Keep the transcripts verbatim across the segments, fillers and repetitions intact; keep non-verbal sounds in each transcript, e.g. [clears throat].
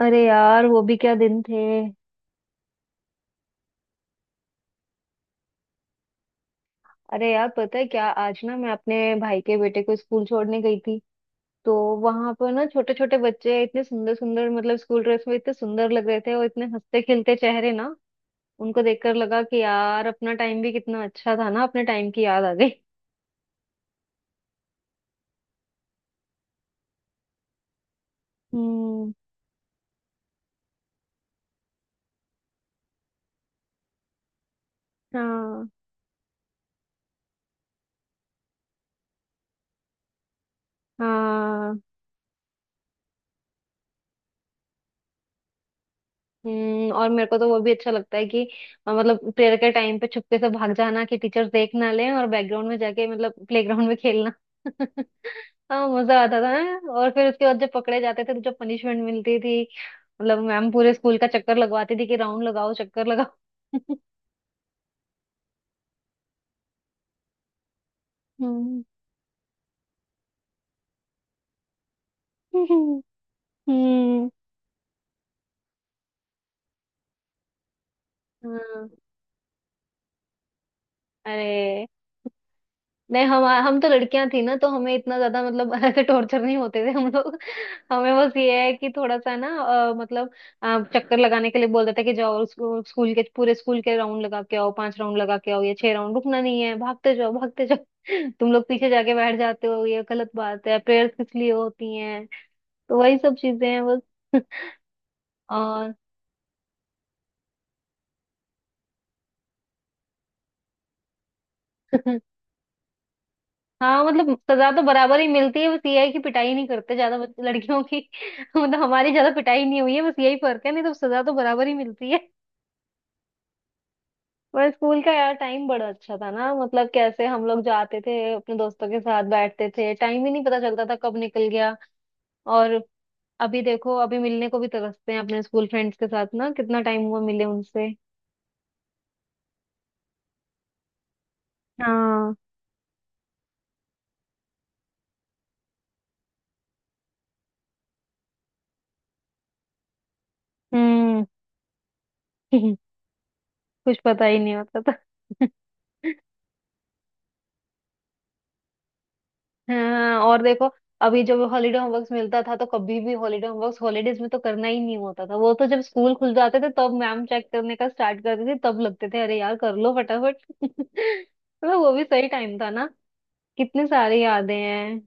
अरे यार वो भी क्या दिन थे। अरे यार, पता है क्या, आज ना मैं अपने भाई के बेटे को स्कूल छोड़ने गई थी तो वहां पर ना छोटे छोटे बच्चे इतने सुंदर सुंदर, मतलब स्कूल ड्रेस में इतने सुंदर लग रहे थे और इतने हंसते खेलते चेहरे ना, उनको देखकर लगा कि यार अपना टाइम भी कितना अच्छा था ना, अपने टाइम की याद आ गई। हम्म। हाँ हाँ। हम्म, और मेरे को तो वो भी अच्छा लगता है कि अ, मतलब प्रेयर के टाइम पे चुपके से भाग जाना कि टीचर्स देख ना लें, और बैकग्राउंड में जाके, मतलब प्लेग्राउंड में खेलना। [laughs] हाँ, मजा आता था। हैं? और फिर उसके बाद जब पकड़े जाते थे तो जो पनिशमेंट मिलती थी, मतलब मैम पूरे स्कूल का चक्कर लगवाती थी कि राउंड लगाओ, चक्कर लगाओ। [laughs] हम्म हम्म हम्म, हाँ, अरे नहीं, हम हम तो लड़कियां थी ना, तो हमें इतना ज्यादा, मतलब [laughs] ऐसे टॉर्चर नहीं होते थे हम लोग। हमें बस ये है कि थोड़ा सा ना अ, मतलब अ, चक्कर लगाने के लिए बोल देते कि जाओ, स्कू- स्कूल के, पूरे स्कूल के राउंड लगा के आओ, पांच राउंड लगा के आओ या छह राउंड, रुकना नहीं है, भागते जाओ भागते जाओ। [laughs] तुम लोग पीछे जाके बैठ जाते हो, ये गलत बात है, प्रेयर्स किस लिए होती हैं। तो वही सब चीजें हैं बस। [laughs] और [laughs] हाँ, मतलब सजा तो बराबर ही मिलती है, बस ये है कि पिटाई नहीं करते ज्यादा बच- लड़कियों की, [laughs] मतलब हमारी ज्यादा पिटाई नहीं हुई है, बस यही फर्क है, नहीं तो सजा तो बराबर ही मिलती है। [laughs] पर स्कूल का यार टाइम बड़ा अच्छा था ना, मतलब कैसे हम लोग जाते थे अपने दोस्तों के साथ, बैठते थे, टाइम ही नहीं पता चलता था कब निकल गया। और अभी देखो, अभी मिलने को भी तरसते हैं अपने स्कूल फ्रेंड्स के साथ ना, कितना टाइम हुआ मिले उनसे। हाँ। हम्म। [laughs] कुछ पता ही नहीं होता था। [laughs] हाँ और देखो, अभी जब हॉलीडे होमवर्क मिलता था तो कभी भी हॉलीडे होमवर्क हॉलीडेज में तो करना ही नहीं होता था, वो तो जब स्कूल खुल जाते थे तब मैम चेक करने का स्टार्ट करती थी, तब लगते थे अरे यार कर लो फटाफट। [laughs] तो वो भी सही टाइम था ना, कितने सारे यादें हैं।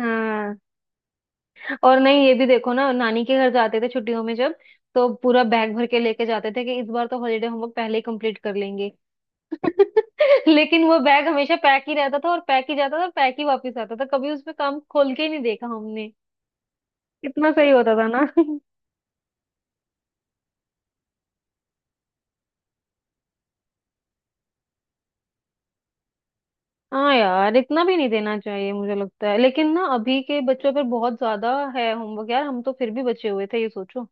हाँ और नहीं, ये भी देखो ना, नानी के घर जाते थे छुट्टियों में, जब तो पूरा बैग भर के लेके जाते थे कि इस बार तो हॉलीडे होमवर्क पहले ही कंप्लीट कर लेंगे। [laughs] लेकिन वो बैग हमेशा पैक ही रहता था और पैक ही जाता था और पैक ही वापस आता था, कभी उसमें काम खोल के ही नहीं देखा। कितना सही होता था ना। [laughs] हाँ यार, इतना भी नहीं देना चाहिए मुझे लगता है, लेकिन ना अभी के बच्चों पर बहुत ज्यादा है होमवर्क यार, हम तो फिर भी बचे हुए थे ये सोचो।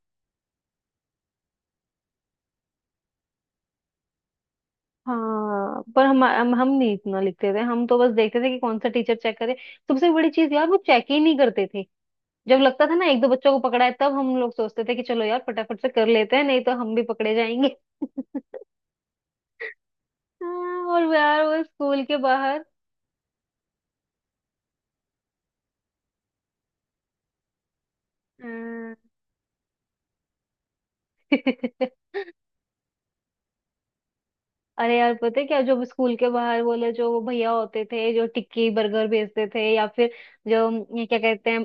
हाँ पर हम हम, हम नहीं इतना लिखते थे, हम तो बस देखते थे कि कौन सा टीचर चेक करे, सबसे बड़ी चीज यार वो चेक ही नहीं करते थे। जब लगता था ना एक दो बच्चों को पकड़ा है, तब हम लोग सोचते थे कि चलो यार फटाफट से कर लेते हैं नहीं तो हम भी पकड़े जाएंगे। [laughs] हाँ, और यार वो स्कूल के बाहर, हाँ। [laughs] अरे यार पता है क्या, जो स्कूल के बाहर बोले, जो वो भैया होते थे जो टिक्की बर्गर बेचते थे, या फिर जो अम, ये क्या कहते हैं,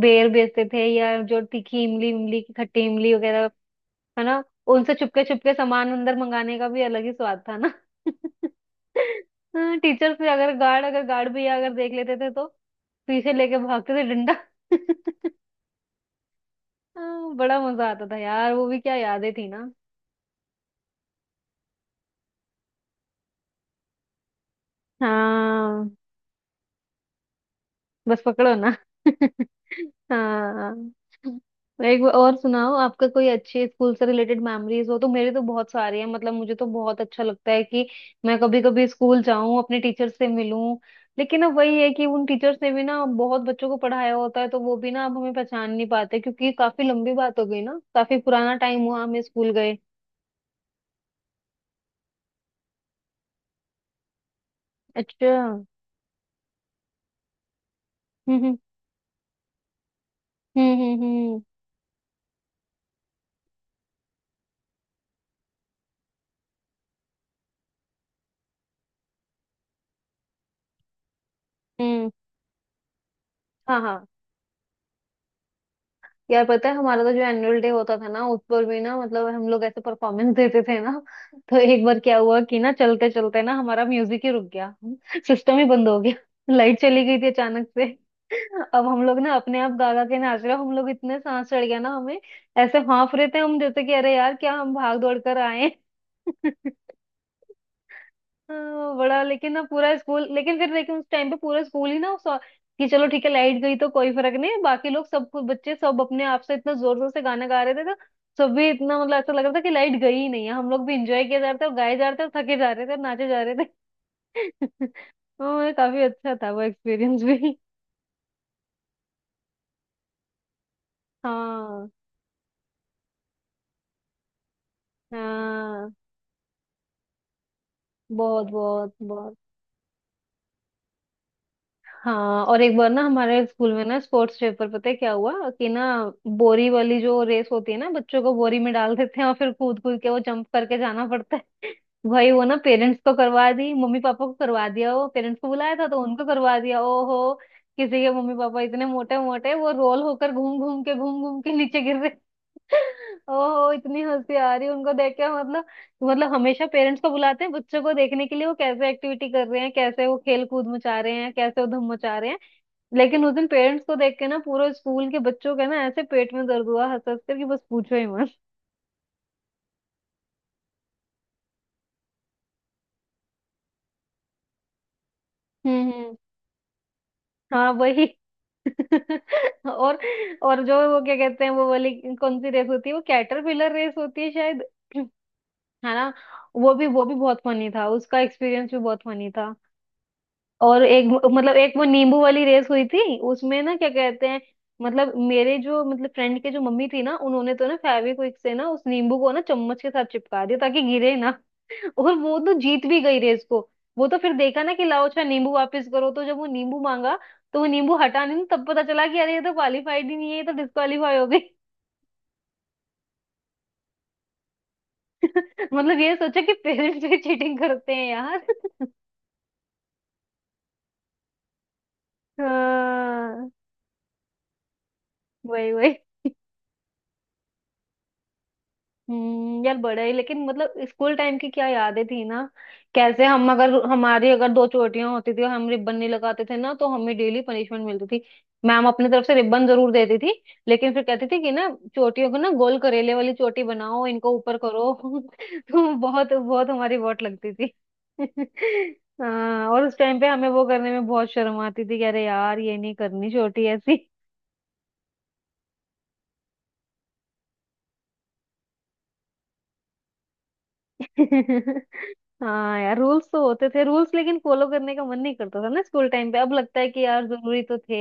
बेर बेचते थे, या जो तीखी इमली, इमली की खट्टी इमली वगैरह, है ना, उनसे चुपके चुपके सामान अंदर मंगाने का भी अलग ही स्वाद था ना। [laughs] टीचर फिर, अगर गार्ड, अगर गार्ड भैया अगर देख लेते थे तो पीछे लेके भागते थे डंडा। [laughs] हाँ, बड़ा मजा आता था यार, वो भी क्या यादें थी ना। हाँ, बस पकड़ो ना। [laughs] हाँ, एक बार और सुनाओ, आपका कोई अच्छे स्कूल से रिलेटेड मेमोरीज हो तो, मेरे तो बहुत सारे हैं, मतलब मुझे तो बहुत अच्छा लगता है कि मैं कभी कभी स्कूल जाऊं, अपने टीचर से मिलूं। लेकिन अब वही है कि उन टीचर्स ने भी ना बहुत बच्चों को पढ़ाया होता है तो वो भी ना अब हमें पहचान नहीं पाते, क्योंकि काफी लंबी बात हो गई ना, काफी पुराना टाइम हुआ हमें स्कूल गए। अच्छा। हम्म। हम्म हम्म हम्म। हम्म। हम्म, हाँ यार पता है, हमारा तो जो एनुअल डे होता था ना उस पर भी ना, मतलब हम लोग ऐसे परफॉर्मेंस देते थे ना, तो एक बार क्या हुआ कि ना चलते चलते ना हमारा म्यूजिक ही रुक गया, सिस्टम ही बंद हो गया, लाइट चली गई थी अचानक से। अब हम लोग ना अपने आप गागा के नाच रहे, हम लोग, इतने सांस चढ़ गया ना हमें, ऐसे हाँफ रहे थे हम जैसे कि अरे यार क्या हम भाग दौड़ कर आए हैं। हाँ, बड़ा, लेकिन ना पूरा स्कूल, लेकिन फिर, लेकिन उस टाइम पे पूरा स्कूल ही ना उस, कि चलो ठीक है लाइट गई तो कोई फर्क नहीं, बाकी लोग सब कुछ, बच्चे सब अपने आप से इतना जोर जोर से गाना गा रहे थे, तो सब भी इतना, मतलब ऐसा लग रहा था कि लाइट गई ही नहीं है, हम लोग भी इंजॉय किया जा रहा था, और गाए जा रहे थे और थके जा रहे थे और नाचे जा रहे थे। [laughs] तो काफी अच्छा था वो एक्सपीरियंस भी। हाँ हाँ, बहुत बहुत बहुत। हाँ और एक बार ना हमारे स्कूल में ना स्पोर्ट्स डे पर, पता है क्या हुआ कि ना, बोरी वाली जो रेस होती है ना, बच्चों को बोरी में डाल देते हैं और फिर कूद कूद के वो जंप करके जाना पड़ता है, [laughs] भाई वो ना पेरेंट्स को करवा दी, मम्मी पापा को करवा दिया, वो पेरेंट्स को बुलाया था तो उनको करवा दिया। ओहो, किसी के मम्मी पापा इतने मोटे मोटे, वो रोल होकर घूम घूम के, घूम घूम के नीचे गिर। ओहो, इतनी हंसी आ रही है उनको देख के, मतलब, मतलब हमेशा पेरेंट्स को बुलाते हैं बच्चों को देखने के लिए, वो कैसे एक्टिविटी कर रहे हैं, कैसे वो खेल कूद मचा रहे हैं, कैसे वो धूम मचा रहे हैं। लेकिन उस दिन पेरेंट्स को देख के ना पूरे स्कूल के बच्चों का ना ऐसे पेट में दर्द हुआ हंस हंस कर, कि बस पूछो ही मत। हम्म हम्म। हाँ वही, [laughs] और और जो वो क्या कहते हैं, वो वाली, कौन सी रेस होती है, वो कैटरपिलर रेस होती है शायद, [clears throat] है ना, वो भी वो भी बहुत फनी था, उसका एक्सपीरियंस भी बहुत फनी था। और एक, मतलब एक वो नींबू वाली रेस हुई थी उसमें ना, क्या कहते हैं, मतलब मेरे जो, मतलब फ्रेंड के जो मम्मी थी ना, उन्होंने तो ना फेविक्विक से ना उस नींबू को ना चम्मच के साथ चिपका दिया ताकि गिरे ना। [laughs] और वो तो जीत भी गई रेस को। वो तो फिर देखा ना कि लाओ अच्छा नींबू वापस करो, तो जब वो नींबू मांगा तो वो नींबू हटा नहीं, तब पता चला कि अरे ये तो क्वालिफाइड ही नहीं है, ये तो डिस्क्वालीफाई हो गई। [laughs] मतलब ये सोचा कि पेरेंट्स भी चीटिंग करते हैं यार। [laughs] हाँ वही वही। हम्म, यार बड़ा ही, लेकिन मतलब स्कूल टाइम की क्या यादें थी ना, कैसे हम, अगर हमारी अगर दो चोटियां होती थी और हम रिबन नहीं लगाते थे ना तो हमें डेली पनिशमेंट मिलती थी, मैम अपनी तरफ से रिबन जरूर देती थी, लेकिन फिर कहती थी कि ना चोटियों को ना गोल करेले वाली चोटी बनाओ, इनको ऊपर करो, [laughs] तो बहुत बहुत हमारी वोट लगती थी। [laughs] हाँ, और उस टाइम पे हमें वो करने में बहुत शर्म आती थी कि अरे यार ये नहीं करनी चोटी ऐसी। [laughs] हाँ यार, रूल्स तो होते थे रूल्स, लेकिन फॉलो करने का मन नहीं करता था ना स्कूल टाइम पे, अब लगता है कि यार जरूरी तो थे।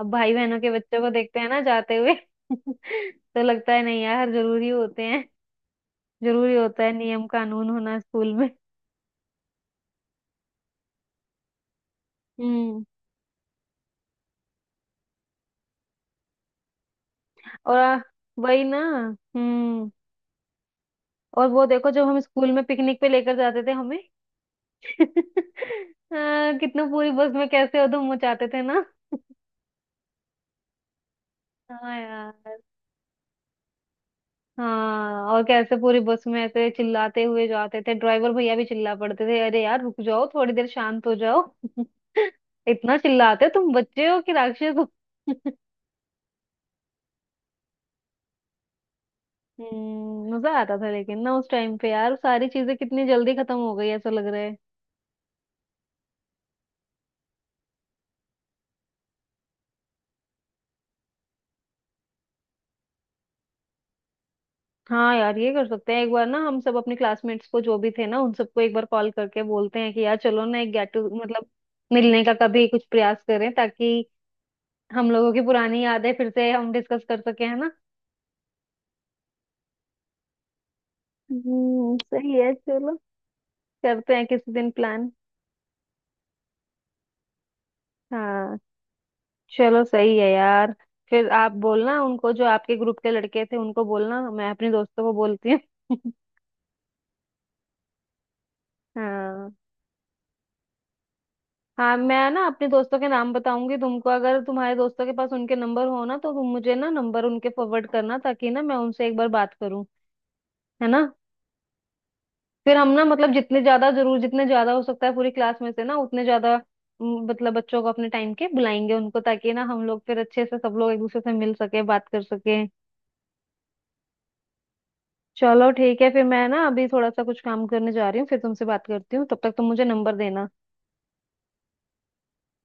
अब भाई बहनों के बच्चों को देखते हैं ना जाते हुए, [laughs] तो लगता है नहीं यार जरूरी होते हैं, जरूरी होता है नियम कानून होना स्कूल में। हम्म, और आ, वही ना। हम्म, और वो देखो जब हम स्कूल में पिकनिक पे लेकर जाते थे हमें, [laughs] आ, कितना पूरी बस में कैसे उधम मचाते थे ना। हाँ यार। हाँ, और कैसे पूरी बस में ऐसे चिल्लाते हुए जाते थे, ड्राइवर भैया भी चिल्ला पड़ते थे अरे यार रुक जाओ, थोड़ी देर शांत हो जाओ। [laughs] इतना चिल्लाते तुम, बच्चे हो कि राक्षस हो। [laughs] हम्म, मजा आता था लेकिन ना उस टाइम पे यार, सारी चीजें कितनी जल्दी खत्म हो गई ऐसा लग रहा है। हाँ यार, ये कर सकते हैं एक बार ना, हम सब अपने क्लासमेट्स को जो भी थे ना, उन सबको एक बार कॉल करके बोलते हैं कि यार चलो ना, एक गेट टू, मतलब मिलने का कभी कुछ प्रयास करें, ताकि हम लोगों की पुरानी यादें फिर से हम डिस्कस कर सके, है ना। हम्म, सही है, चलो करते हैं किसी दिन प्लान। हाँ, चलो सही है यार, फिर आप बोलना उनको, जो आपके ग्रुप के लड़के थे उनको बोलना, मैं अपने दोस्तों को बोलती हूँ। [laughs] हाँ। हाँ, मैं ना अपने दोस्तों के नाम बताऊंगी तुमको, अगर तुम्हारे दोस्तों के पास उनके नंबर हो ना तो तुम मुझे ना नंबर उनके फॉरवर्ड करना, ताकि ना मैं उनसे एक बार बात करूँ, है ना। फिर हम ना, मतलब जितने ज्यादा जरूर, जितने ज्यादा हो सकता है पूरी क्लास में से ना, उतने ज्यादा म, मतलब बच्चों को अपने टाइम के बुलाएंगे उनको, ताकि ना हम लोग फिर अच्छे से सब लोग एक दूसरे से मिल सके, बात कर सके। चलो ठीक है, फिर मैं ना अभी थोड़ा सा कुछ काम करने जा रही हूँ, फिर तुमसे बात करती हूँ, तब तक तुम मुझे नंबर देना।